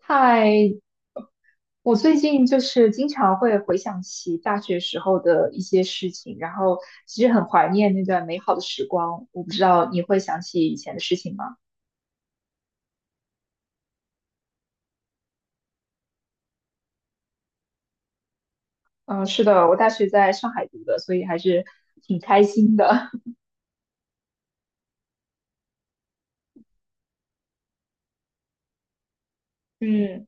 嗨，我最近就是经常会回想起大学时候的一些事情，然后其实很怀念那段美好的时光。我不知道你会想起以前的事情吗？嗯，是的，我大学在上海读的，所以还是挺开心的。嗯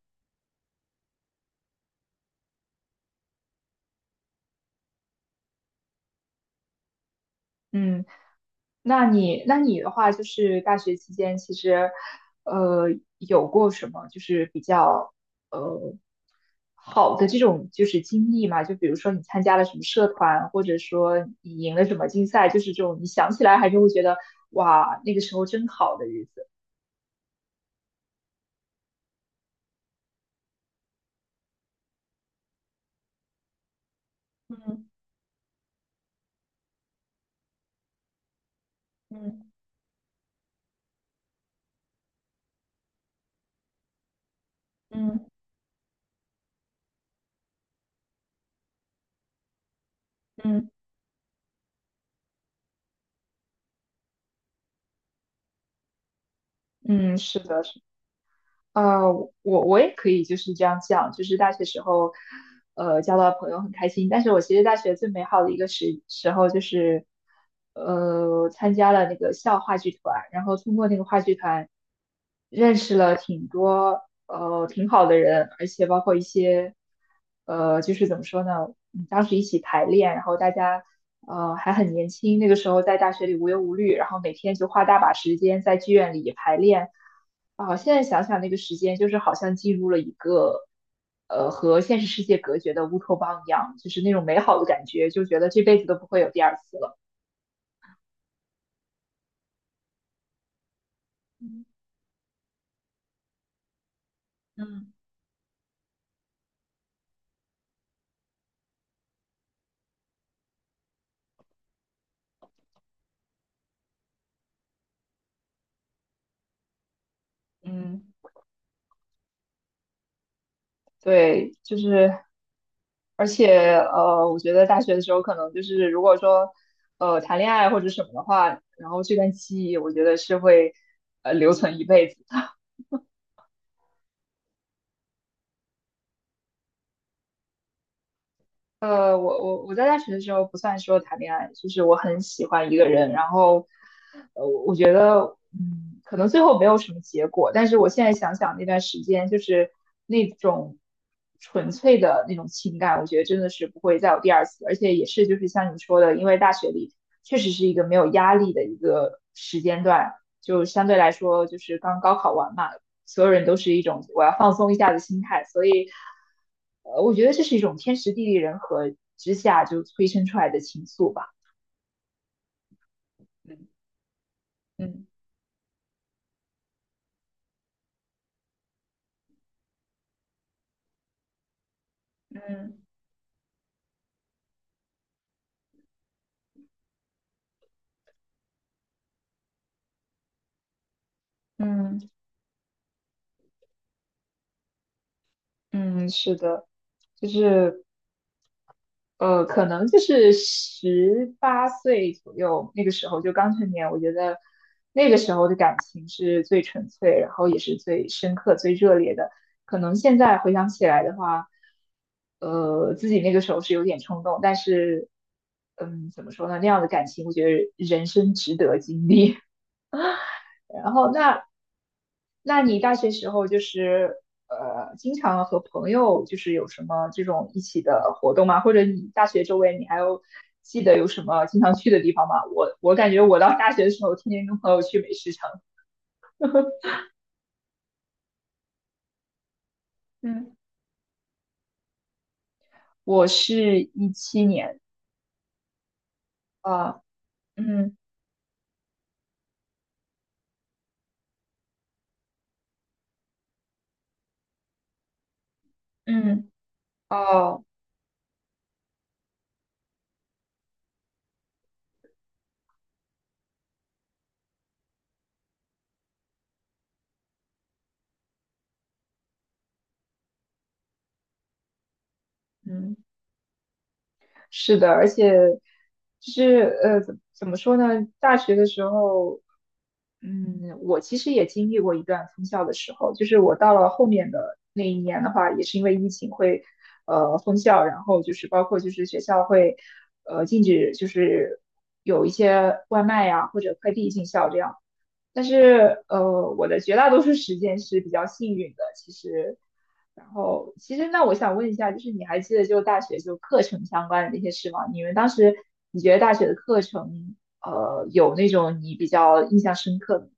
嗯。那你的话，就是大学期间，其实，呃，有过什么就是比较呃好的这种就是经历嘛？就比如说你参加了什么社团，或者说你赢了什么竞赛，就是这种你想起来还是会觉得哇，那个时候真好的日子。嗯嗯嗯嗯，嗯，是的，是。呃，我也可以就是这样讲，就是大学时候，交到的朋友很开心。但是我其实大学最美好的一个时候就是，参加了那个校话剧团，然后通过那个话剧团，认识了挺多挺好的人，而且包括一些。呃，就是怎么说呢？嗯当时一起排练，然后大家还很年轻，那个时候在大学里无忧无虑，然后每天就花大把时间在剧院里排练。啊，现在想想那个时间，就是好像进入了一个和现实世界隔绝的乌托邦一样，就是那种美好的感觉，就觉得这辈子都不会有第二次了。嗯嗯。嗯，对，就是。而且呃，我觉得大学的时候可能就是如果说谈恋爱或者什么的话，然后这段记忆，我觉得是会留存一辈子的。我在大学的时候不算说谈恋爱，就是我很喜欢一个人，然后。觉得，嗯，可能最后没有什么结果，但是我现在想想那段时间，就是那种纯粹的那种情感，我觉得真的是不会再有第二次，而且也是就是像你说的，因为大学里确实是一个没有压力的一个时间段，就相对来说就是刚高考完嘛，所有人都是一种我要放松一下的心态，所以，呃，我觉得这是一种天时地利人和之下就催生出来的情愫吧，嗯嗯。嗯嗯，嗯，是的，就是可能就是18岁左右那个时候就刚成年，我觉得那个时候的感情是最纯粹，然后也是最深刻、最热烈的。可能现在回想起来的话，自己那个时候是有点冲动，但是嗯，怎么说呢？那样的感情，我觉得人生值得经历。然后那你大学时候就是经常和朋友就是有什么这种一起的活动吗？或者你大学周围你还有记得有什么经常去的地方吗？我感觉我到大学的时候天天跟朋友去美食城 嗯我是17年啊，嗯嗯哦嗯，是的，而且就是呃，怎么说呢？大学的时候。嗯，我其实也经历过一段封校的时候，就是我到了后面的那一年的话，也是因为疫情会，封校，然后就是包括就是学校会，禁止就是有一些外卖呀、或者快递进校这样。但是呃，我的绝大多数时间是比较幸运的，其实。然后其实那我想问一下，就是你还记得就大学就课程相关的那些事吗？你们当时你觉得大学的课程？呃，有那种你比较印象深刻的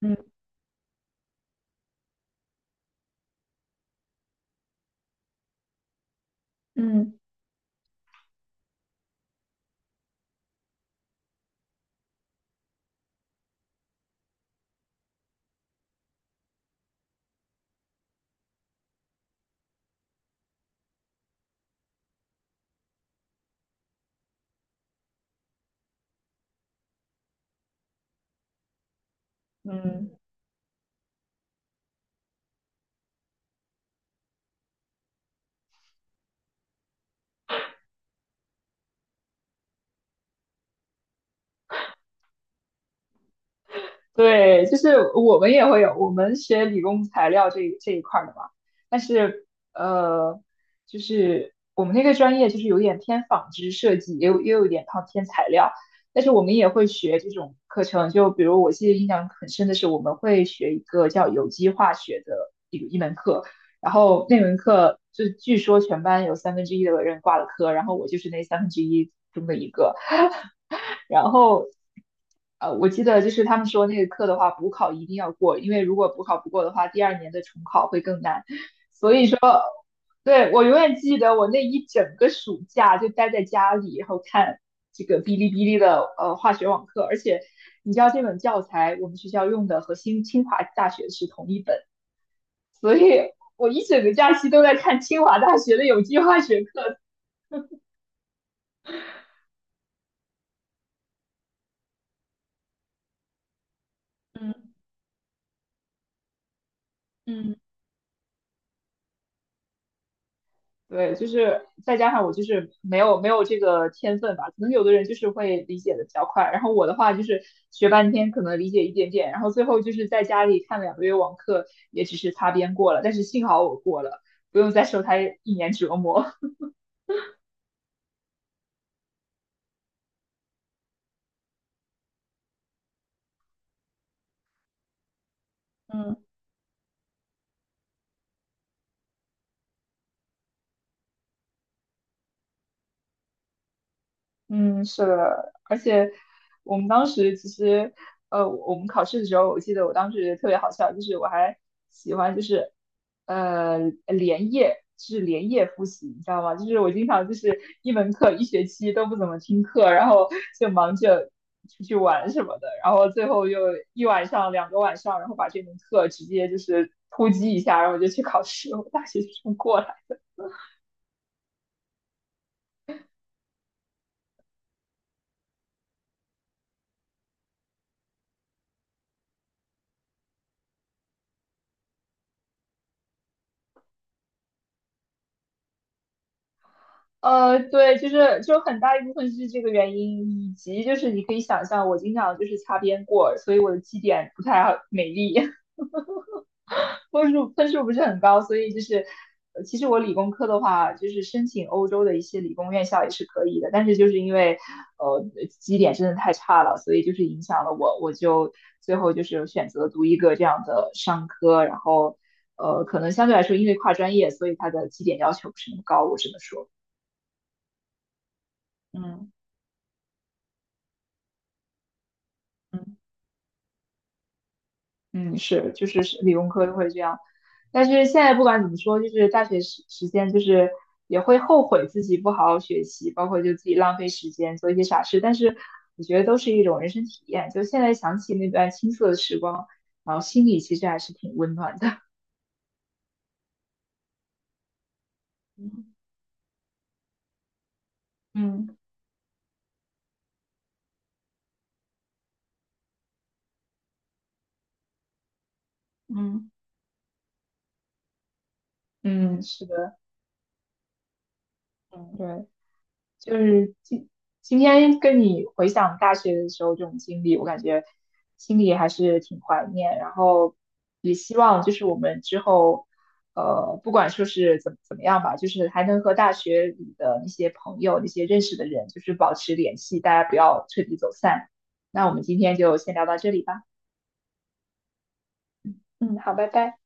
嗯嗯嗯，对，就是我们也会有，我们学理工材料这一块儿的嘛，但是呃，就是我们那个专业就是有点偏纺织设计，也有也有一点靠偏材料，但是我们也会学这种课程，就比如我记得印象很深的是，我们会学一个叫有机化学的一门课，然后那门课就据说全班有三分之一的人挂了科，然后我就是那三分之一中的一个。然后，我记得就是他们说那个课的话，补考一定要过，因为如果补考不过的话，第二年的重考会更难。对，我永远记得我那一整个暑假就待在家里，然后看这个哔哩哔哩的化学网课，而且你知道这本教材我们学校用的和新清华大学是同一本，所以我一整个假期都在看清华大学的有机化学课。嗯嗯。对，就是再加上我就是没有这个天分吧，可能有的人就是会理解的比较快，然后我的话就是学半天可能理解一点点，然后最后就是在家里看2个月网课，也只是擦边过了，但是幸好我过了，不用再受他一年折磨。嗯。嗯，是的，而且我们当时其实，我们考试的时候，我记得我当时特别好笑，就是我还喜欢就是，呃，连夜复习，你知道吗？就是我经常就是一门课一学期都不怎么听课，然后就忙着出去玩什么的，然后最后又一晚上2个晚上，然后把这门课直接就是突击一下，然后就去考试了我大学就这么过了。对，就是就很大一部分是这个原因，以及就是你可以想象，我经常就是擦边过，所以我的绩点不太好美丽，分数不是很高，所以就是其实我理工科的话，就是申请欧洲的一些理工院校也是可以的，但是就是因为呃绩点真的太差了，所以就是影响了我，我就最后就是选择读一个这样的商科，然后可能相对来说因为跨专业，所以它的绩点要求不是那么高，我只能说，嗯嗯。嗯，是，就是是理工科都会这样，但是现在不管怎么说，就是大学时间，就是也会后悔自己不好好学习，包括就自己浪费时间做一些傻事，但是我觉得都是一种人生体验。就现在想起那段青涩的时光，然后心里其实还是挺温暖的。嗯嗯，嗯，是的，嗯对。就是今天跟你回想大学的时候这种经历，我感觉心里还是挺怀念，然后也希望就是我们之后，不管说是怎么样吧，就是还能和大学里的那些朋友、那些认识的人，就是保持联系，大家不要彻底走散。那我们今天就先聊到这里吧。嗯，好，拜拜。